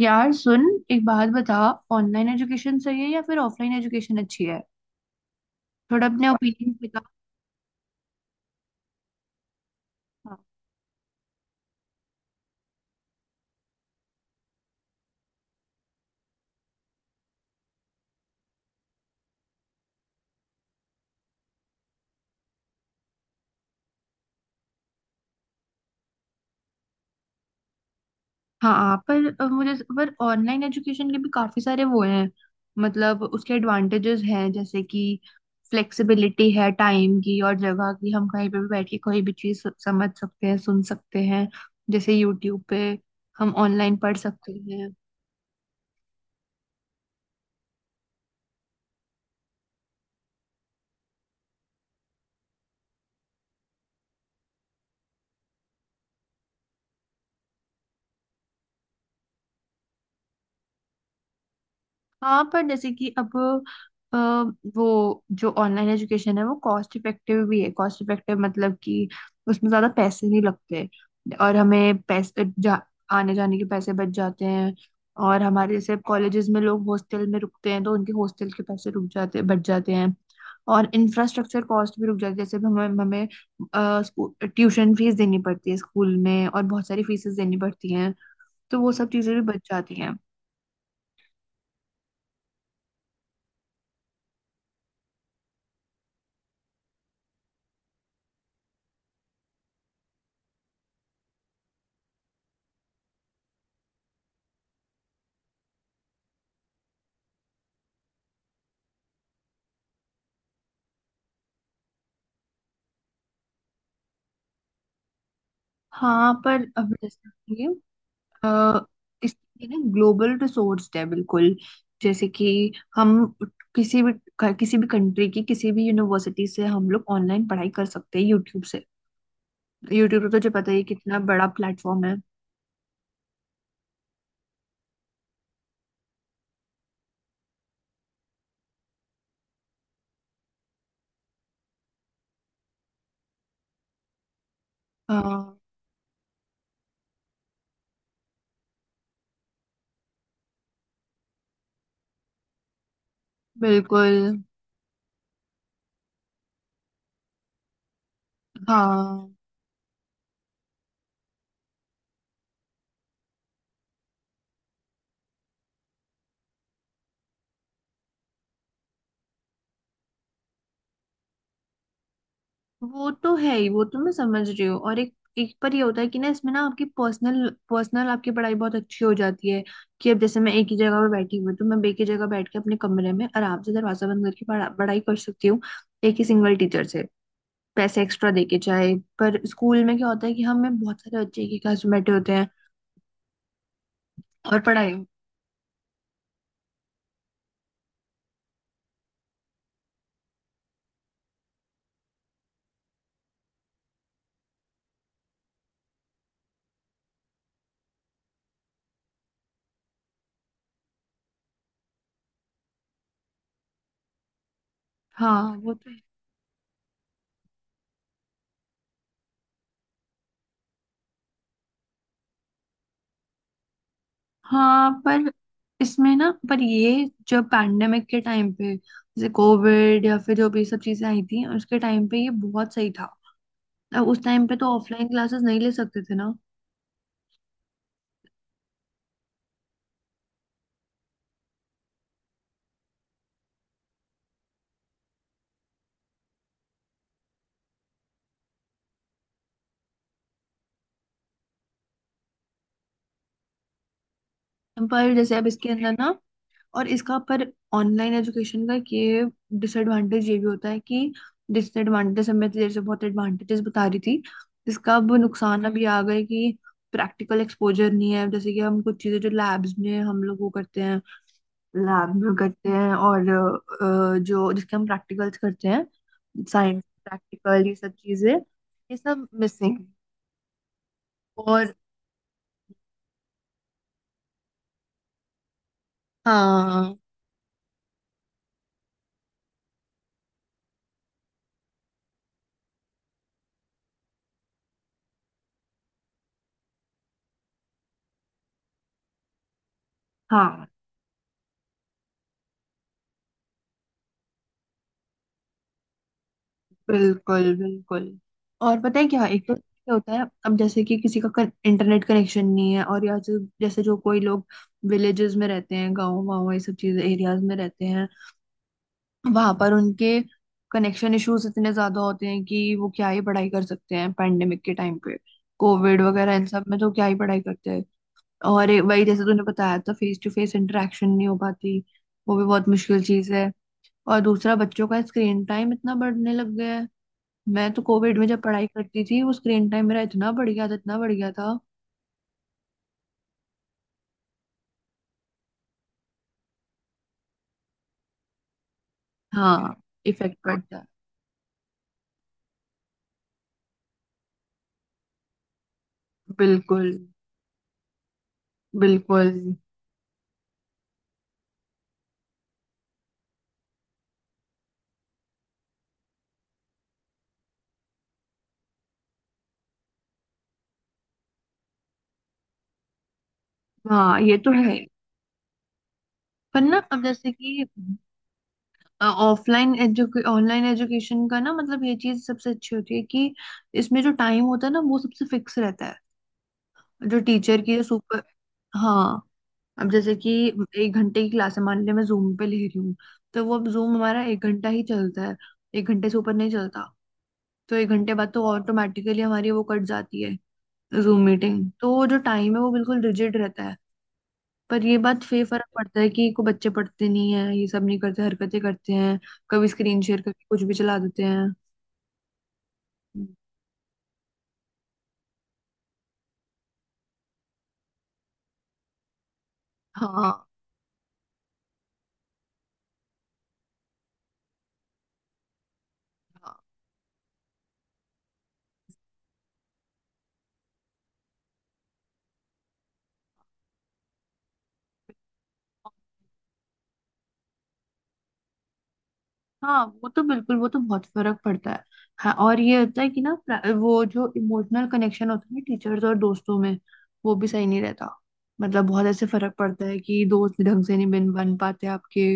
यार सुन, एक बात बता। ऑनलाइन एजुकेशन सही है या फिर ऑफलाइन एजुकेशन अच्छी है? थोड़ा अपने ओपिनियन बता। हाँ हाँ, पर मुझे पर ऑनलाइन एजुकेशन के भी काफी सारे वो हैं। मतलब उसके एडवांटेजेस हैं, जैसे कि फ्लेक्सिबिलिटी है टाइम की और जगह की। हम कहीं पे भी बैठ के कोई भी चीज समझ सकते हैं, सुन सकते हैं। जैसे यूट्यूब पे हम ऑनलाइन पढ़ सकते हैं। हाँ, पर जैसे कि अब अ, वो जो ऑनलाइन एजुकेशन है, वो कॉस्ट इफेक्टिव भी है। कॉस्ट इफेक्टिव मतलब कि उसमें ज्यादा पैसे नहीं लगते, और हमें पैसे आने जाने के पैसे बच जाते हैं। और हमारे जैसे कॉलेजेस में लोग हॉस्टल में रुकते हैं, तो उनके हॉस्टल के पैसे रुक जाते, बच जाते हैं। और इंफ्रास्ट्रक्चर कॉस्ट भी रुक जाती है। जैसे अब हमें हमें ट्यूशन फीस देनी पड़ती है स्कूल में, और बहुत सारी फीसेस देनी पड़ती हैं। तो वो सब चीजें भी बच जाती हैं। हाँ, पर अब जैसे ये अ, इसके लिए ना ग्लोबल रिसोर्स है बिल्कुल। जैसे कि हम किसी भी किसी भी कंट्री की किसी भी यूनिवर्सिटी से हम लोग ऑनलाइन पढ़ाई कर सकते हैं, यूट्यूब से। यूट्यूब तो तुझे पता ही है कितना बड़ा प्लेटफॉर्म है। अ, बिल्कुल। हाँ, वो तो है ही, वो तो मैं समझ रही हूँ। और एक एक पर ये होता है कि ना, इसमें ना आपकी पर्सनल पर्सनल आपकी पढ़ाई बहुत अच्छी हो जाती है। कि अब जैसे मैं एक ही जगह पर बैठी हुई हूँ, तो मैं एक ही जगह बैठ के अपने कमरे में आराम से दरवाजा बंद करके पढ़ाई कर सकती हूँ। एक ही सिंगल टीचर से, पैसे एक्स्ट्रा दे के चाहे। पर स्कूल में क्या होता है कि हमें बहुत सारे बच्चे एक ही क्लास में बैठे होते हैं, और पढ़ाई। हाँ वो तो। हाँ, पर इसमें ना, पर ये जब पैंडेमिक के टाइम पे जैसे कोविड या फिर जो भी सब चीजें आई थी, उसके टाइम पे ये बहुत सही था। अब उस टाइम पे तो ऑफलाइन क्लासेस नहीं ले सकते थे ना। पर जैसे अब इसके अंदर ना, और इसका पर ऑनलाइन एजुकेशन का ये डिसएडवांटेज ये भी होता है कि डिसएडवांटेज, हमें तो जैसे बहुत एडवांटेजेस बता रही थी, इसका अब नुकसान अभी आ गए कि प्रैक्टिकल एक्सपोजर नहीं है। जैसे कि हम कुछ चीजें जो लैब्स में हम लोग वो करते हैं, लैब में करते हैं। और जो जिसके हम प्रैक्टिकल्स करते हैं, साइंस प्रैक्टिकल, ये सब चीजें ये सब मिसिंग। और हाँ। हाँ। बिल्कुल बिल्कुल। और पता है क्या, एक तो क्या होता है, अब जैसे कि किसी का इंटरनेट कनेक्शन नहीं है। और या जो जैसे जो कोई लोग विलेजेस में रहते हैं, गाँव वाँव, ये सब चीजें एरियाज में रहते हैं। वहां पर उनके कनेक्शन इश्यूज इतने ज्यादा होते हैं कि वो क्या ही पढ़ाई कर सकते हैं। पैंडेमिक के टाइम पे कोविड वगैरह इन सब में तो क्या ही पढ़ाई करते हैं। और वही, जैसे तूने बताया था, फेस टू फेस इंटरेक्शन नहीं हो पाती। वो भी बहुत मुश्किल चीज है। और दूसरा, बच्चों का स्क्रीन टाइम इतना बढ़ने लग गया है। मैं तो कोविड में जब पढ़ाई करती थी, वो स्क्रीन टाइम मेरा इतना बढ़ गया था, इतना बढ़ गया था। हाँ, इफेक्ट पड़ता है। बिल्कुल बिल्कुल। हाँ ये तो है। पर ना अब जैसे कि ऑफलाइन एजुके ऑनलाइन एजुकेशन का ना मतलब ये चीज सबसे अच्छी होती है कि इसमें जो टाइम होता है ना, वो सबसे फिक्स रहता है। जो टीचर की जो सुपर। हाँ। अब जैसे कि एक घंटे की क्लास है, मान लिया मैं जूम पे ले रही हूँ, तो वो अब जूम हमारा एक घंटा ही चलता है। एक घंटे से ऊपर नहीं चलता। तो एक घंटे बाद तो ऑटोमेटिकली हमारी वो कट जाती है, जूम मीटिंग। तो वो जो टाइम है, वो बिल्कुल रिजिड रहता है। पर ये बात फे फर्क पड़ता है कि को बच्चे पढ़ते नहीं है, ये सब नहीं करते, हरकतें करते हैं। कभी स्क्रीन शेयर करके कुछ भी चला देते हैं। हाँ हाँ। हाँ वो तो बिल्कुल, वो तो बहुत फर्क पड़ता है। हाँ, और ये होता है कि ना वो जो इमोशनल कनेक्शन होता है ना टीचर्स और दोस्तों में, वो भी सही नहीं रहता। मतलब बहुत ऐसे फर्क पड़ता है कि दोस्त ढंग से नहीं बन बन पाते आपके।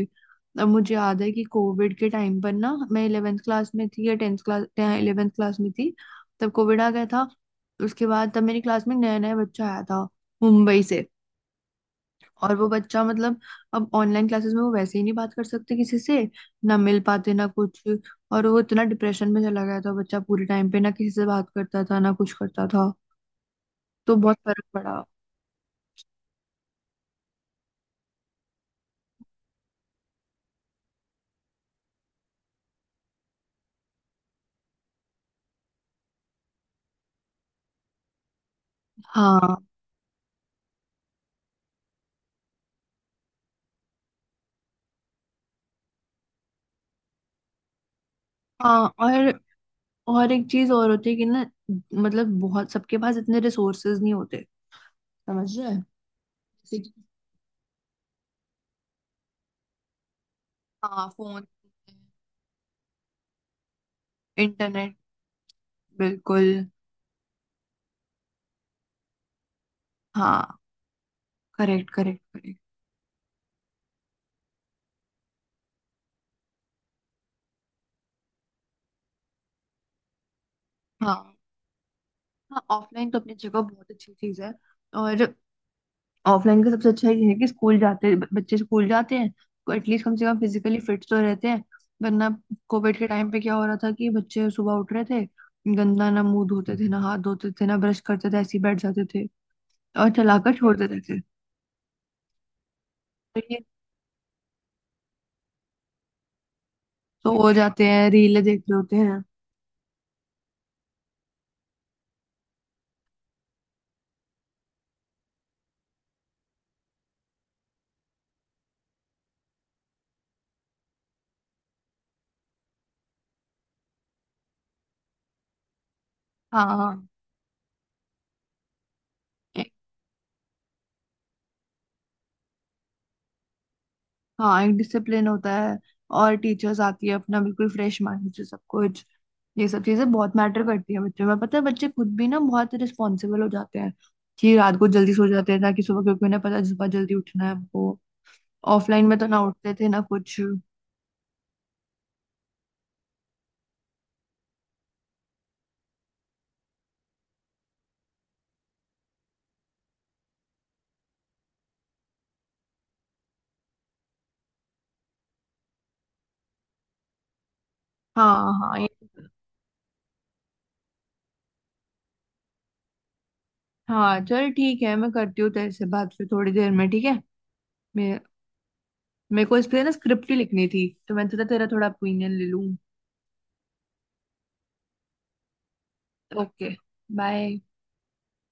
अब मुझे याद है कि कोविड के टाइम पर ना मैं इलेवेंथ क्लास में थी, या टेंथ क्लास इलेवेंथ क्लास में थी। तब कोविड आ गया था। उसके बाद तब मेरी क्लास में नया नया बच्चा आया था, मुंबई से। और वो बच्चा, मतलब अब ऑनलाइन क्लासेस में वो वैसे ही नहीं बात कर सकते किसी से। ना मिल पाते ना कुछ। और वो इतना डिप्रेशन में चला गया था बच्चा, पूरे टाइम पे ना किसी से बात करता था ना कुछ करता था। तो बहुत फर्क पड़ा। हाँ हाँ। और एक चीज और होती है कि ना, मतलब बहुत, सबके पास इतने रिसोर्सेज नहीं होते। समझ रहे हैं? जैसे कि, हाँ, फोन, इंटरनेट, बिल्कुल। हाँ करेक्ट करेक्ट करेक्ट। हाँ। हाँ ऑफलाइन तो अपनी जगह बहुत अच्छी चीज है। और ऑफलाइन का सबसे अच्छा ये है कि स्कूल जाते बच्चे स्कूल जाते हैं, तो एटलीस्ट कम से कम फिजिकली फिट तो रहते हैं। वरना कोविड के टाइम पे क्या हो रहा था कि बच्चे सुबह उठ रहे थे, गंदा, ना मुंह धोते थे ना हाथ धोते थे ना ब्रश करते थे, ऐसे ही बैठ जाते थे। और चलाकर छोड़ देते थे। तो ये सो हो जाते हैं, रीले देख रहे होते हैं। हाँ हाँ। हाँ एक डिसिप्लिन होता है। और टीचर्स आती है अपना बिल्कुल फ्रेश माइंड से सब कुछ। ये सब चीजें बहुत मैटर करती है बच्चों में। पता है, बच्चे खुद भी ना बहुत रिस्पॉन्सिबल हो जाते हैं कि रात को जल्दी सो जाते हैं, ताकि सुबह, क्योंकि उन्हें पता है सुबह जल्दी उठना है हमको। ऑफलाइन में तो ना उठते थे ना कुछ। हाँ हाँ ये। हाँ चल ठीक है, मैं करती हूँ तेरे से बात फिर थोड़ी देर में, ठीक है? मे मेरे को इस पे ना स्क्रिप्ट ही लिखनी थी, तो मैं तुझे तेरा थोड़ा ओपिनियन ले लूँ। Okay, bye.